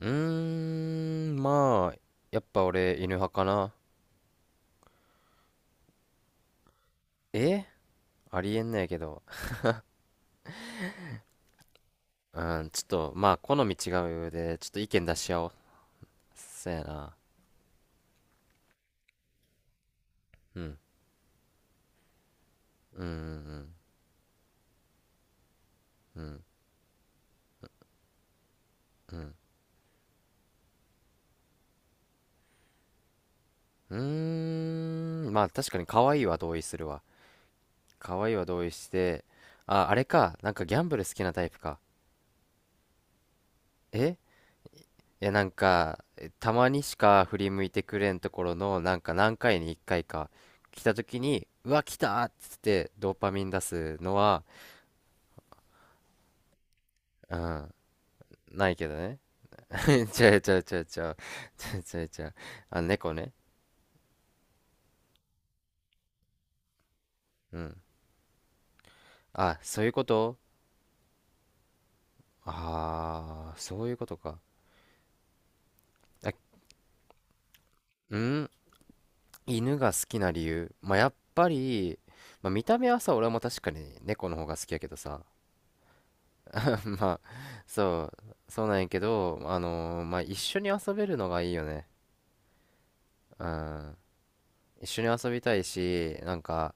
うーん、まあ、やっぱ俺犬派かな。え、ありえんねやけど。うん、ちょっと、好み違うで、ちょっと意見出し合おう。そやな。うん、うん、うん、うん、うん。う確かに可愛いは同意するわ。可愛いは同意して、あれか。なんかギャンブル好きなタイプか。え、なんかたまにしか振り向いてくれんところの、なんか何回に1回かいか来た時に「うわ来た!」っつってドーパミン出すのは。うん、ないけどね。 ちゃうちゃうちゃうちゃうちゃうちゃうちゃう。あ、猫ね。うん、あ、そういうこと。ああー、そういうことか。あ、うん。犬が好きな理由、まあやっぱり、まあ、見た目はさ俺も確かに猫の方が好きやけどさ。 まあ、そうなんやけど、一緒に遊べるのがいいよね。うん。一緒に遊びたいし、なんか、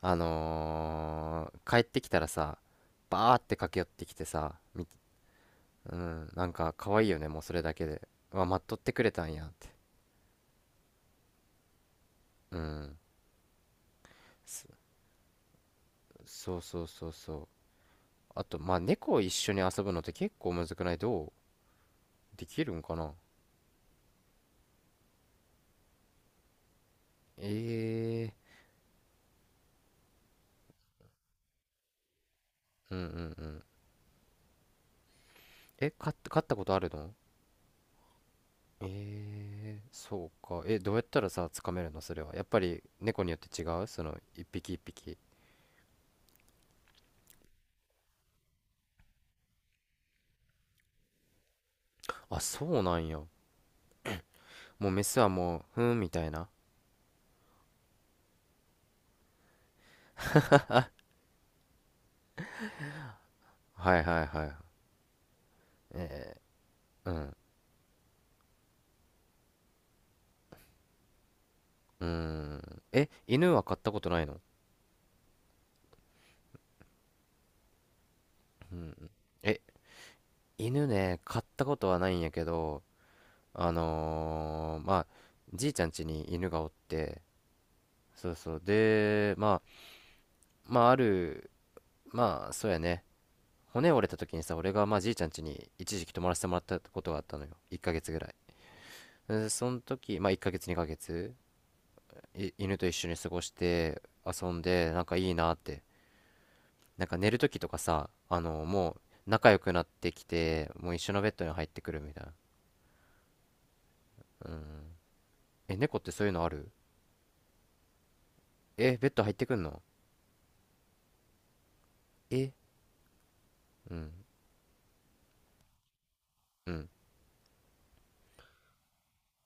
あのー帰ってきたらさ、バーって駆け寄ってきてさ、うん、なんか可愛いよね、もうそれだけで。うわ、待っとってくれたんやって。うん。そ、そうそうそうそう。あと、まあ、猫を一緒に遊ぶのって結構むずくないど、うできるんかな。ええー、うんうんうん。え、飼ったことあるの？えー、そうか。え、どうやったらさ、つかめるのそれは。やっぱり猫によって違うその、一匹一匹。あ、そうなんや。もうメスはもう、ふーんみたいな。はいはいはい。えー、うん。うーん。え、犬は飼ったことないの？うん。え、犬ね、飼ったことはないんやけど、あのー、まあ、じいちゃん家に犬がおって、そうそう。で、まあ、まあ、ある、まあ、そうやね。骨折れた時にさ俺がまあじいちゃん家に一時期泊まらせてもらったことがあったのよ、1ヶ月ぐらい。でその時まあ1ヶ月2ヶ月、犬と一緒に過ごして遊んでなんかいいなって。なんか寝る時とかさ、あのもう仲良くなってきてもう一緒のベッドに入ってくるみたいな。え、猫ってそういうのある？え、ベッド入ってくんの？え、うんうん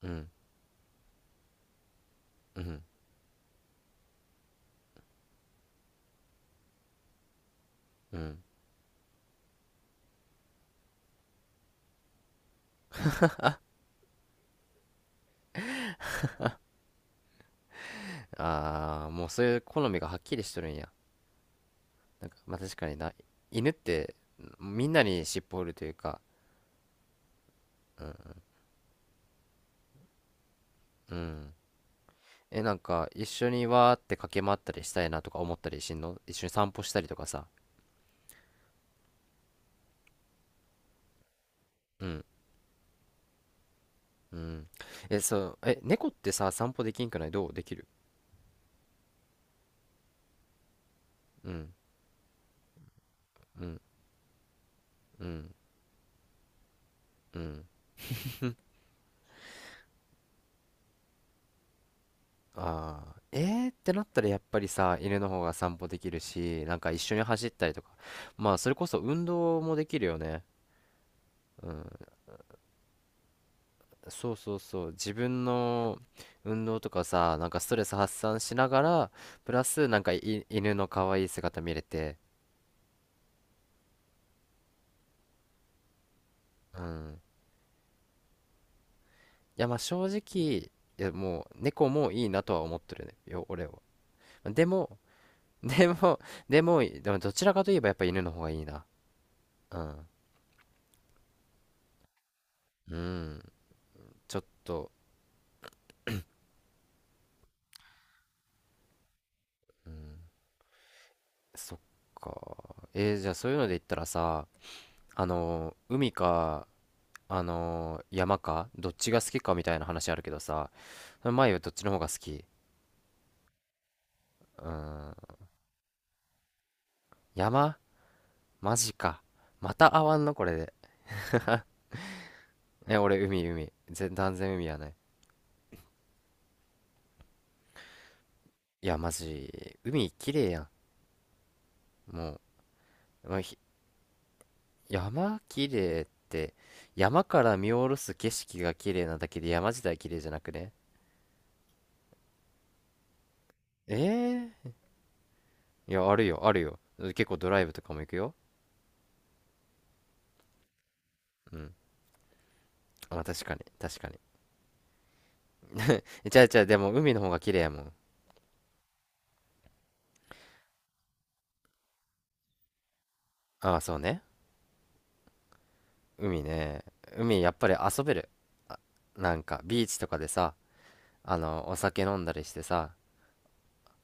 うんうんうん。ああー、もうそういう好みがはっきりしとるんや。なんかまあ確かにな、犬ってみんなに尻尾振るというか。うん。え、なんか、一緒にわーって駆け回ったりしたいなとか思ったりしんの？一緒に散歩したりとかさ。うん、うん。え、そう、え、猫ってさ、散歩できんくないど、うできる？うん、うん、うん、うん。ああ、えーってなったらやっぱりさ、犬の方が散歩できるし、なんか一緒に走ったりとか。まあ、それこそ運動もできるよね。うん、そうそうそう。自分の運動とかさ、なんかストレス発散しながら、プラスなんか、犬の可愛い姿見れて、うん。いや、まあ正直、いや、もう猫もいいなとは思ってるね。俺は。でも、でも、でも、でもどちらかといえばやっぱ犬の方がいいな。うん。うん。ちょっと、うん。そっか。えー、じゃあそういうので言ったらさ、あのー海か、あのー山か、どっちが好きかみたいな話あるけどさ、前はどっちの方が好き？うん。山？マジか。また会わんのこれで。え、俺海、海。断然海やね。いや、マジ、海綺麗やん。もう、まあひ山綺麗って、山から見下ろす景色が綺麗なだけで山自体綺麗じゃなくね？ええー、いや、あるよ、あるよ。結構ドライブとかも行くよ。うん。まあ、確かに。じゃあ、じゃあ、でも海の方が綺麗やもん。ああ、そうね。海ね。海、やっぱり遊べる。あ、なんか、ビーチとかでさ、あの、お酒飲んだりしてさ、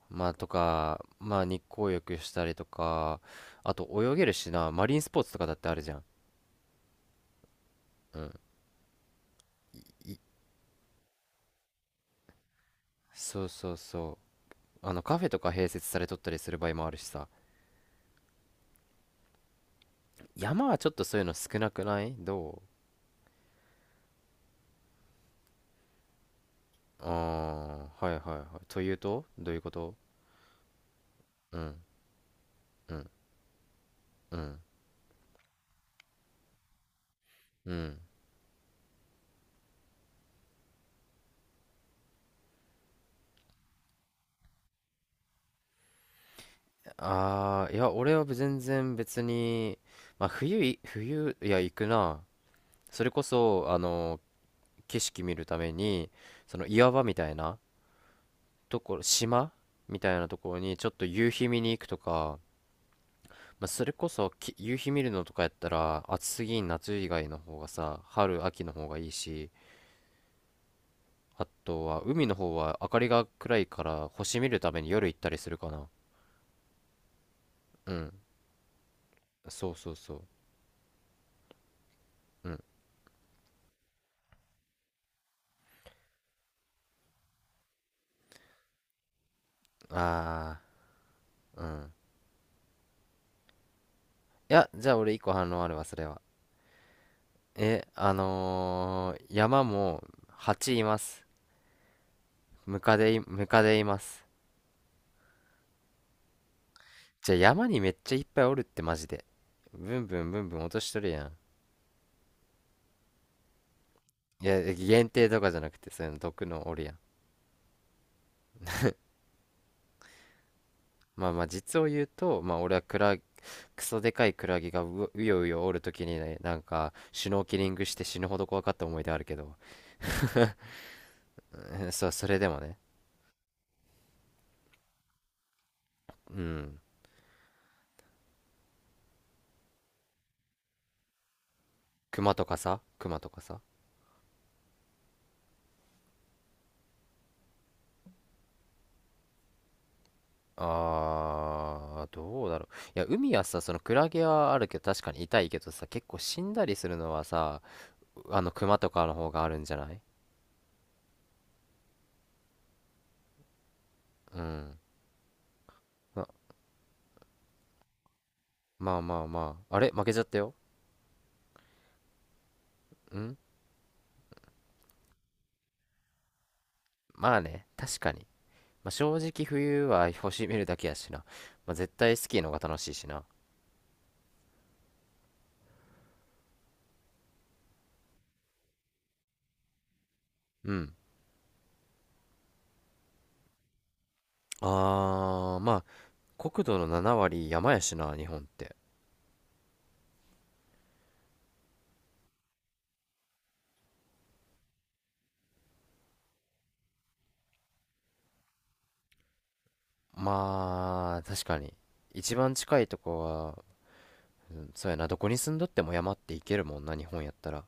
まあとか、まあ日光浴したりとか、あと泳げるしな、マリンスポーツとかだってあるじゃん。うん。い、そうそうそう。あのカフェとか併設されとったりする場合もあるしさ。山はちょっとそういうの少なくないど、う？ああー、はいはいはい。というとどういうこと？うん、うん、うん、うん。ああ、いや、俺は全然別に、まあ冬い、冬、いや、行くな。それこそ、あの、景色見るために、その岩場みたいな、ところ、島みたいなところにちょっと夕日見に行くとか、まあ、それこそ夕日見るのとかやったら暑すぎん夏以外の方がさ、春、秋の方がいいし、あとは海の方は明かりが暗いから星見るために夜行ったりするかな。うん。そうそうそう。うん。ああ、うん。いや、じゃあ俺一個反論あるわ、それは。え、あのー山も蜂います。ムカデいます。じゃあ山にめっちゃいっぱいおるってマジで？ブンブンブンブン落としとるやん。いや限定とかじゃなくてそういうの毒のおるやん。まあ実を言うとまあ俺はクソでかいクラゲがううようよおるときにね、なんかシュノーケリングして死ぬほど怖かった思い出あるけど。 そう、それでもね。うん。クマとかさ、クマとかさ。あー、どうだろう。いや海はさそのクラゲはあるけど確かに痛いけどさ、結構死んだりするのはさ、あのクマとかの方があるんじゃない？うん。まあ。あれ負けちゃったよ。ん、まあね、確かに。まあ、正直冬は星見るだけやしな。まあ、絶対スキーの方が楽しいしな。うん。あー、まあ、国土の7割山やしな、日本って。まあ、確かに。一番近いとこは、うんそうやな、どこに住んどっても山って行けるもんな、日本やったら。